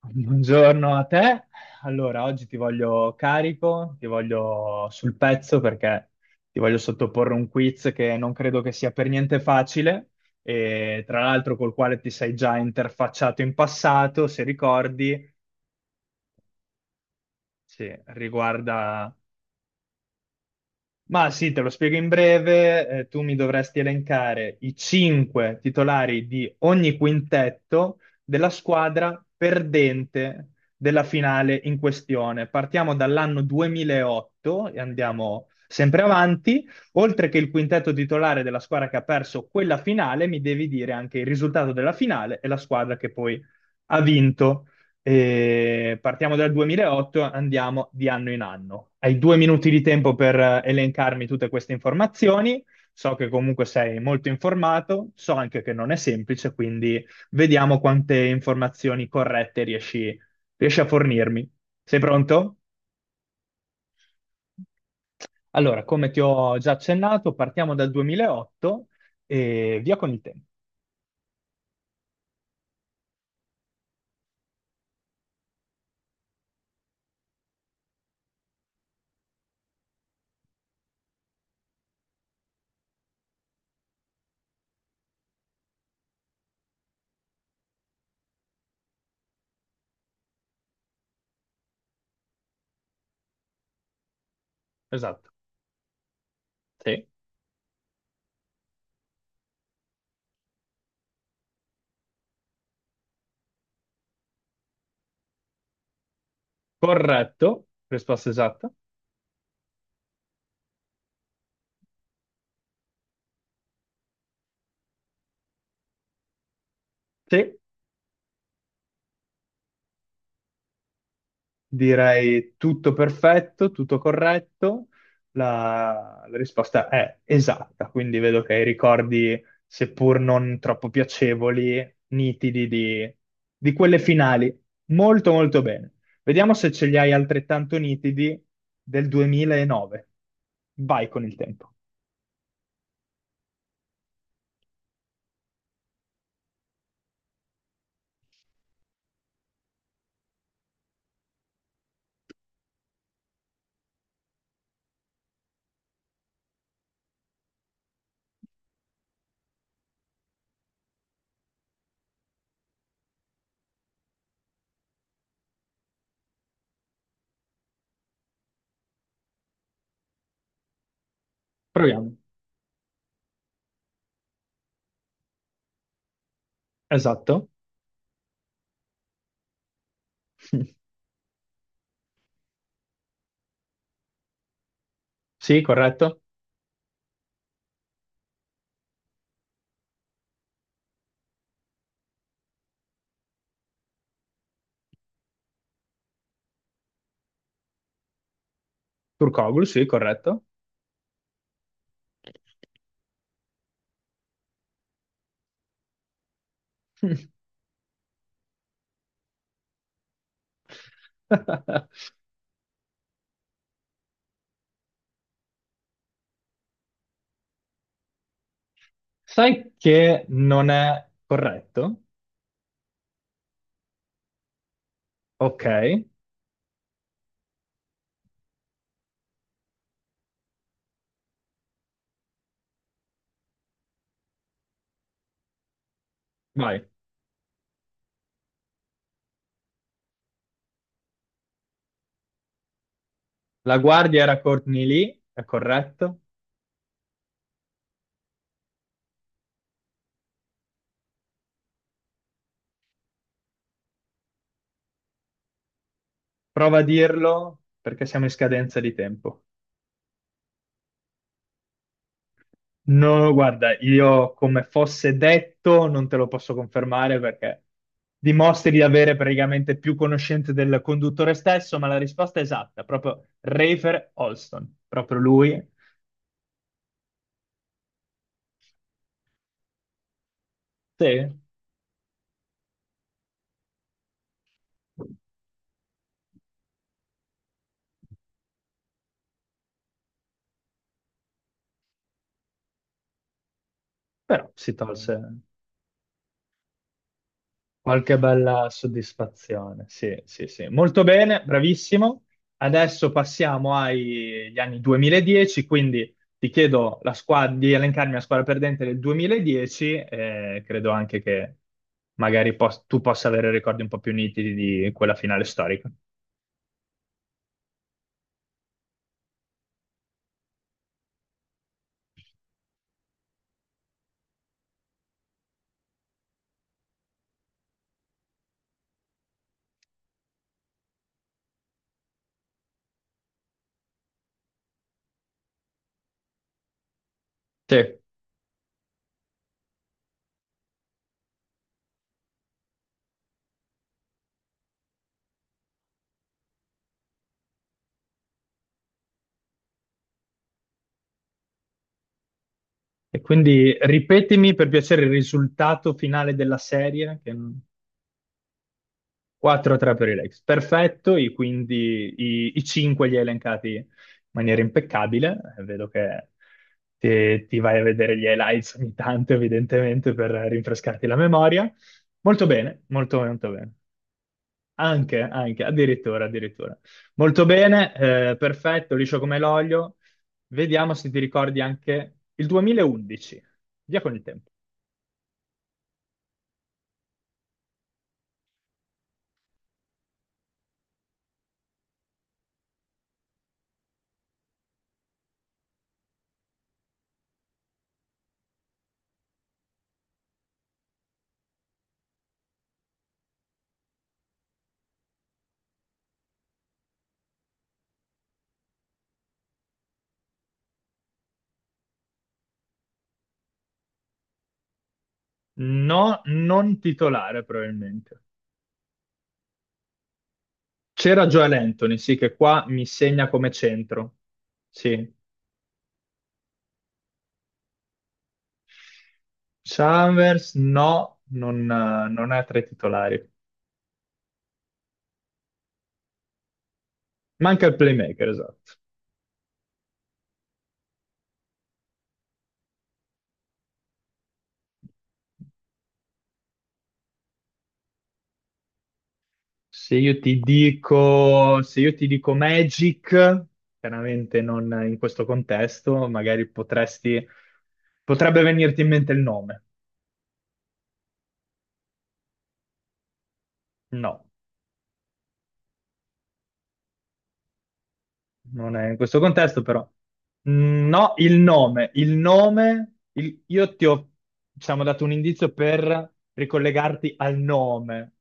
Buongiorno a te. Allora, oggi ti voglio carico, ti voglio sul pezzo perché ti voglio sottoporre un quiz che non credo che sia per niente facile e tra l'altro col quale ti sei già interfacciato in passato, se ricordi, sì, riguarda. Ma sì, te lo spiego in breve. Tu mi dovresti elencare i 5 titolari di ogni quintetto della squadra perdente della finale in questione. Partiamo dall'anno 2008 e andiamo sempre avanti. Oltre che il quintetto titolare della squadra che ha perso quella finale, mi devi dire anche il risultato della finale e la squadra che poi ha vinto. E partiamo dal 2008, andiamo di anno in anno. Hai 2 minuti di tempo per elencarmi tutte queste informazioni. So che comunque sei molto informato, so anche che non è semplice, quindi vediamo quante informazioni corrette riesci a fornirmi. Sei pronto? Allora, come ti ho già accennato, partiamo dal 2008 e via con il tempo. Esatto. Sì. Corretto, risposta esatta. Sì. Direi tutto perfetto, tutto corretto. La risposta è esatta, quindi vedo che hai ricordi, seppur non troppo piacevoli, nitidi di quelle finali. Molto, molto bene. Vediamo se ce li hai altrettanto nitidi del 2009. Vai con il tempo. Proviamo. Esatto. Sì, corretto. Turkoglu, sì, corretto. Sai che non è corretto? Ok, vai. La guardia era Courtney Lee, è corretto. Prova a dirlo perché siamo in scadenza di tempo. No, guarda, io come fosse detto non te lo posso confermare perché dimostri di avere praticamente più conoscenze del conduttore stesso, ma la risposta è esatta, proprio Rafer Olston, proprio lui. Sì, però si tolse. Qualche bella soddisfazione, sì, sì, sì. Molto bene, bravissimo. Adesso passiamo agli anni 2010, quindi ti chiedo la squadra, di elencarmi la squadra perdente del 2010, credo anche che magari tu possa avere ricordi un po' più nitidi di quella finale storica. Sì. E quindi ripetimi per piacere il risultato finale della serie, che 4-3 per i Lakers, perfetto, quindi i 5 li hai elencati in maniera impeccabile. Vedo che ti vai a vedere gli highlights ogni tanto evidentemente per rinfrescarti la memoria. Molto bene, molto molto bene, anche, anche, addirittura, addirittura. Molto bene, perfetto, liscio come l'olio, vediamo se ti ricordi anche il 2011, via con il tempo. No, non titolare probabilmente. C'era Joel Anthony, sì, che qua mi segna come centro. Sì. Chalmers, no, non è tra i titolari. Manca il playmaker, esatto. Se io ti dico Magic, chiaramente non in questo contesto, magari potrebbe venirti in mente il nome. No. Non è in questo contesto, però. Mm, no, il nome, il nome, il- io ti ho, diciamo, dato un indizio per ricollegarti al nome,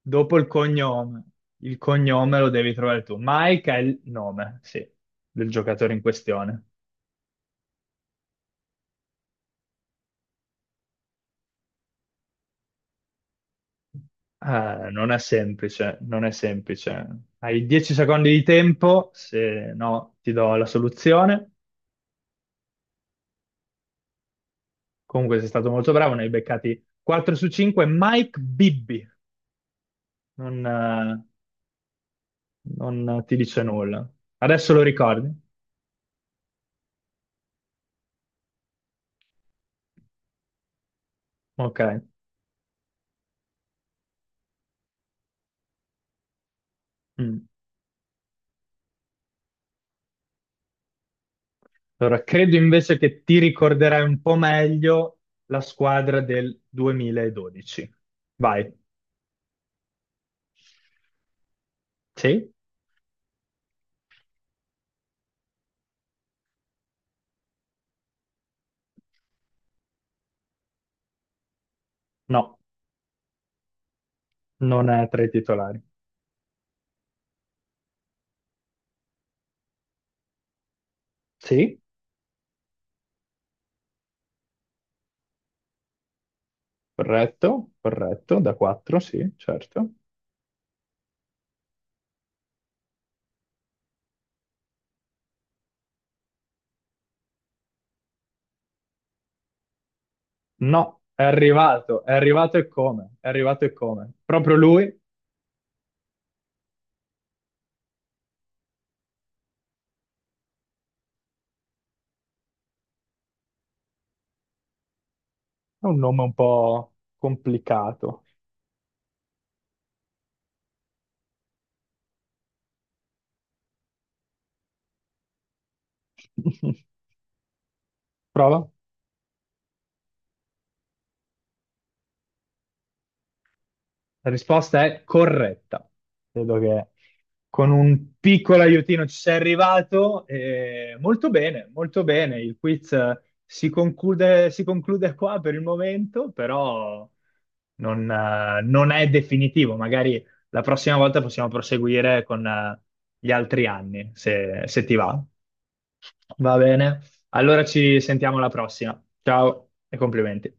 dopo il cognome. Il cognome lo devi trovare tu. Mike è il nome, sì, del giocatore in questione. Non è semplice. Hai 10 secondi di tempo, se no ti do la soluzione. Comunque sei stato molto bravo, ne hai beccati 4 su 5. Mike Bibby. Non, eh, non ti dice nulla. Adesso lo ricordi? Ok. Mm. Allora, credo invece che ti ricorderai un po' meglio la squadra del 2012. Vai. Sì? No, non è tra i titolari. Sì, corretto, da 4, sì, certo. No, è arrivato e come, è arrivato e come. Proprio lui ha un nome un po' complicato. Prova. La risposta è corretta. Credo che con un piccolo aiutino ci sei arrivato. E molto bene, molto bene. Il quiz si conclude qua per il momento, però non è definitivo. Magari la prossima volta possiamo proseguire con gli altri anni, se ti va. Va bene. Allora ci sentiamo alla prossima. Ciao e complimenti.